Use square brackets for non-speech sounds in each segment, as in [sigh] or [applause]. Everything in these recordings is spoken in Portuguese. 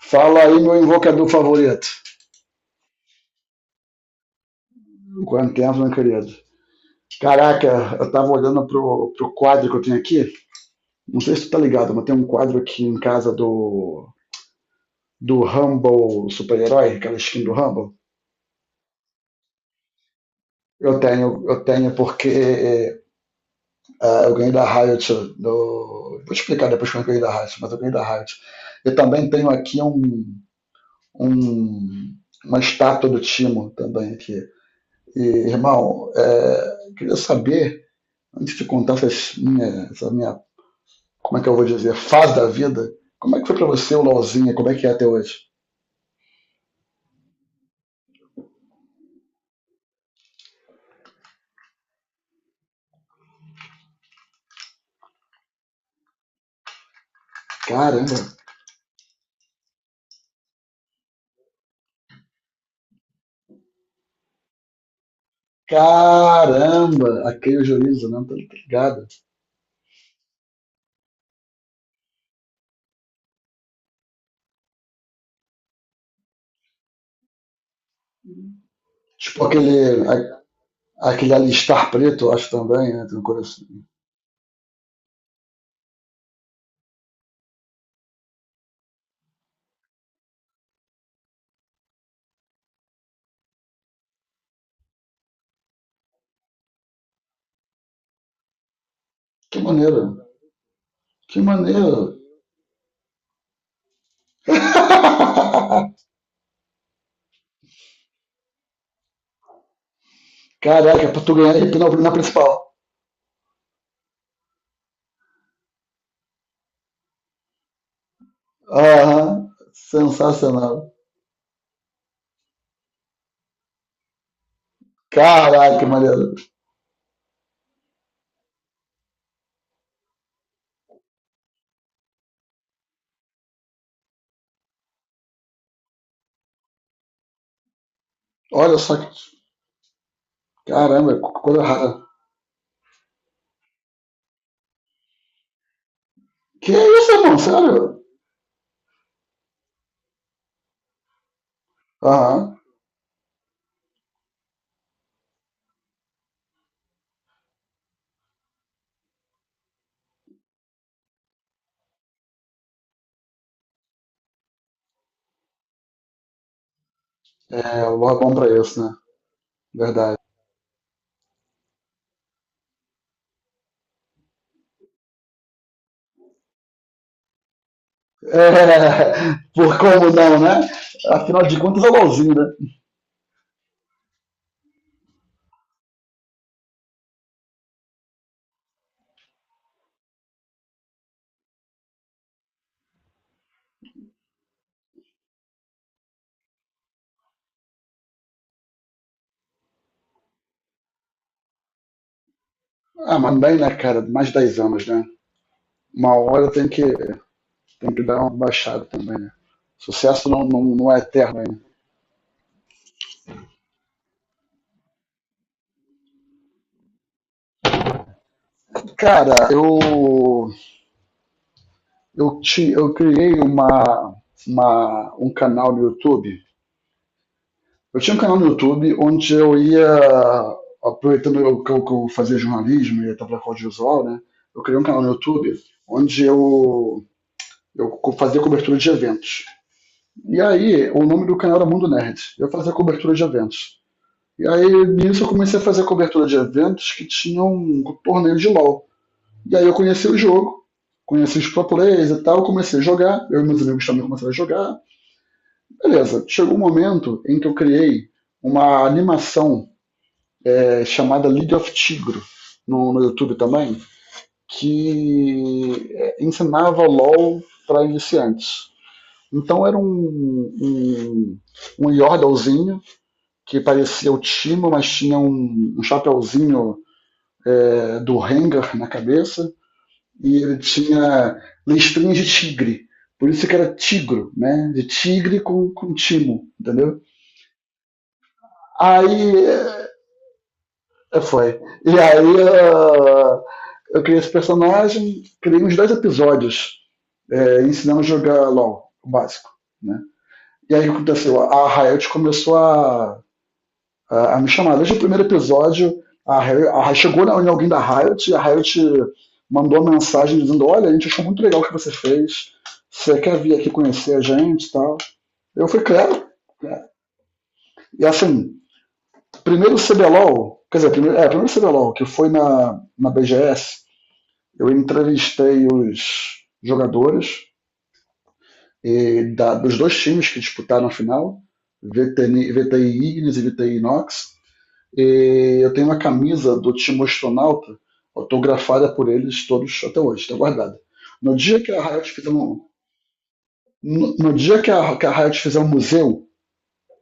Fala aí, meu invocador favorito. Quanto tempo, meu querido. Caraca, eu tava olhando pro quadro que eu tenho aqui. Não sei se tu tá ligado, mas tem um quadro aqui em casa do Humble super-herói, aquela skin do Humble. Eu tenho porque eu ganhei da Riot. Do... Vou te explicar depois como eu ganhei da Riot, mas eu ganhei da Riot. Eu também tenho aqui um- uma estátua do Timo também aqui. E, Irmão, eu queria saber antes de contar essas minha, essa minha, como é que eu vou dizer, fase da vida, como é que foi pra você o LOLzinho? Como é que é até hoje? Caramba! Caramba! Aquele juízo, né? Tá ligado? Tipo aquele alistar preto, eu acho também, né? Tem um coração. Que maneiro! Que maneiro! [laughs] Caraca, pra tu ganhar hipnose na principal. Aham, sensacional. Caraca, que maneiro. Olha só que. Caramba, que coisa rara. Que isso, irmão? Sério? Aham. É, o LoL é bom pra isso, né? Verdade. É, [laughs] por como não, né? Afinal de contas é o LoLzinho, né? Ah, mas bem, né, cara? Mais de 10 anos, né? Uma hora tem tem que dar uma baixada também, né? Sucesso não é eterno ainda. Cara, eu criei um canal no YouTube. Eu tinha um canal no YouTube onde eu ia, aproveitando que eu fazia jornalismo e estava com audiovisual, né? Eu criei um canal no YouTube onde eu fazia cobertura de eventos. E aí, o nome do canal era Mundo Nerd. Eu fazia cobertura de eventos. E aí, nisso, eu comecei a fazer cobertura de eventos que tinham um torneio de LoL. E aí, eu conheci o jogo, conheci os pro players e tal, comecei a jogar. Eu e meus amigos também começaram a jogar. Beleza, chegou um momento em que eu criei uma animação chamada League of Tigro no YouTube também, que ensinava LOL para iniciantes. Então era um Yordlezinho, que parecia o Timo, mas tinha um chapéuzinho do Rengar na cabeça, e ele tinha listrinhas de tigre. Por isso que era tigro, né? De tigre com timo, entendeu? Aí é, foi. E aí eu criei esse personagem, criei uns dois episódios, ensinando a jogar LOL, o básico, né? E aí o que aconteceu? A Riot começou a me chamar. Desde o primeiro episódio, a, Riot a Ri- chegou em alguém da Riot e a Riot mandou uma mensagem dizendo, olha, a gente achou muito legal o que você fez, você quer vir aqui conhecer a gente e tal. Eu fui, claro. E assim, primeiro CBLOL, quer dizer, primeiro CBLOL, que foi na BGS. Eu entrevistei os jogadores dos dois times que disputaram a final, VTN VTI Ignis e VTI Inox. E eu tenho uma camisa do time astronauta autografada por eles todos até hoje, está guardada. No dia que a Riot fizer um, no dia que a Riot fizer um museu,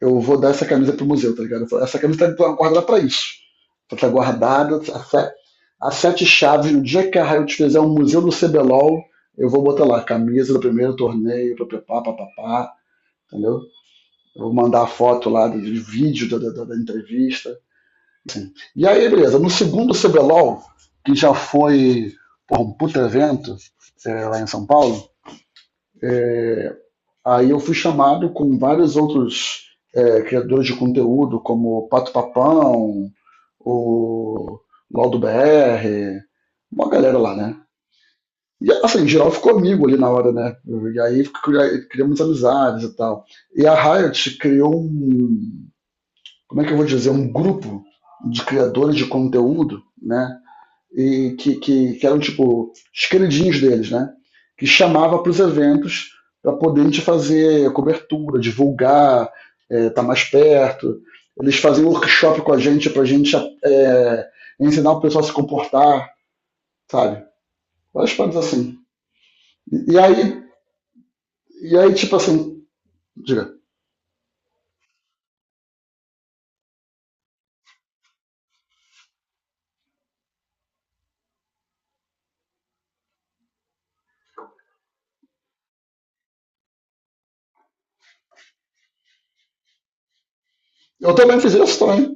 eu vou dar essa camisa pro museu, tá ligado? Essa camisa tá guardada pra isso. Ela tá guardada, a, fe... sete chaves, no dia que a Riot fizer um museu do CBLOL, eu vou botar lá, camisa do primeiro torneio, papapá, papapá, entendeu? Eu vou mandar a foto lá do vídeo da entrevista. E aí, beleza, no segundo CBLOL, que já foi porra, um puta evento, lá em São Paulo, aí eu fui chamado com vários outros criadores de conteúdo, como Pato Papão, o Laudo BR, uma galera lá, né? E assim, em geral ficou amigo ali na hora, né? E aí criamos amizades e tal. E a Riot criou um, como é que eu vou dizer, um grupo de criadores de conteúdo, né? E que eram tipo os queridinhos deles, né? Que chamava para os eventos para poder a gente fazer cobertura, divulgar, estar tá mais perto. Eles faziam workshop com a gente para a gente é, ensinar o pessoal a se comportar, sabe? Várias coisas assim. E, e, aí, e aí, tipo assim, diga. Eu também fiz isso também.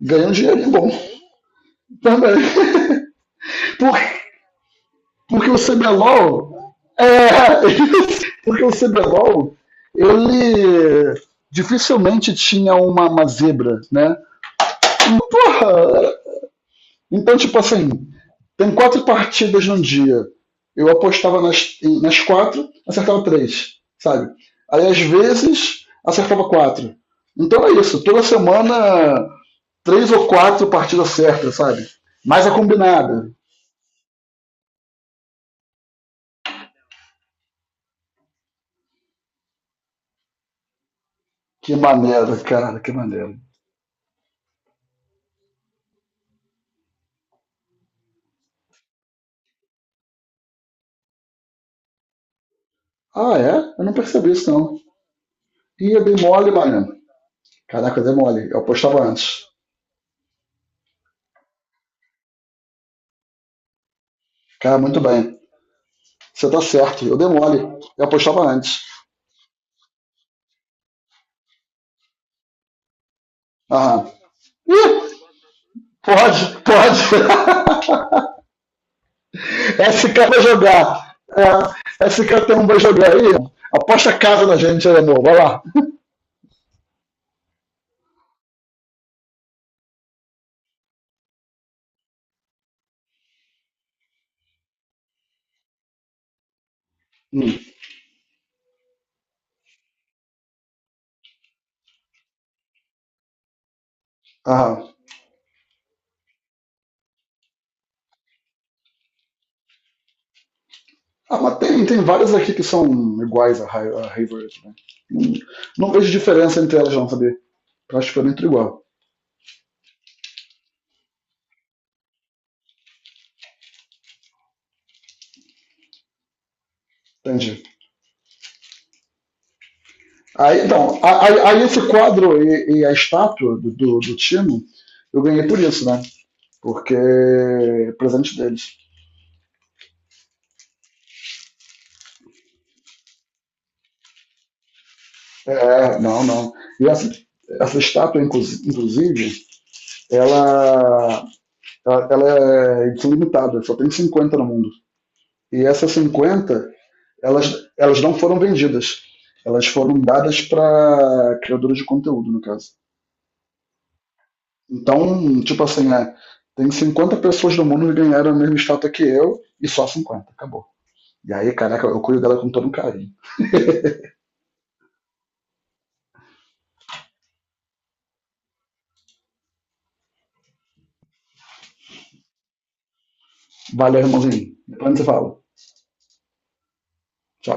Ganhei um dinheirinho bom. Também. [laughs] Por Porque o CBLOL. É, [laughs] porque o CBLOL, ele dificilmente tinha uma zebra, né? Porra! Então, tipo assim, tem quatro partidas num dia. Eu apostava nas quatro, acertava três, sabe? Aí às vezes acertava quatro. Então é isso, toda semana três ou quatro partidas certas, sabe? Mais a combinada. Que maneiro, cara, que maneiro. Ah, é? Eu não percebi isso, não. Ih, eu dei mole, mano. Caraca, eu dei mole. Eu apostava antes. Cara, muito bem. Você tá certo. Eu dei mole. Eu apostava antes. Aham. Ih, pode, pode. [laughs] SK vai jogar. É, esse cara tem um vai jogar aí. Aposta a casa na gente, aí, amor. Vai lá. Hum. Aham. Ah, mas tem, tem várias aqui que são iguais a Hayward, né? Não não vejo diferença entre elas, não, sabia? Eu acho que foi muito igual. Entendi. Aí esse quadro e a estátua do Tino, eu ganhei por isso, né? Porque é presente deles. É, não, não. E essa estátua, inclusive, ela, ela é edição limitada, só tem 50 no mundo. E essas 50, elas, elas não foram vendidas. Elas foram dadas para criadores de conteúdo, no caso. Então, tipo assim, é, tem 50 pessoas do mundo que ganharam a mesma estátua que eu e só 50. Acabou. E aí, caraca, eu cuido dela com todo um carinho. Valeu, irmãozinho. Depois a gente se fala. Tchau.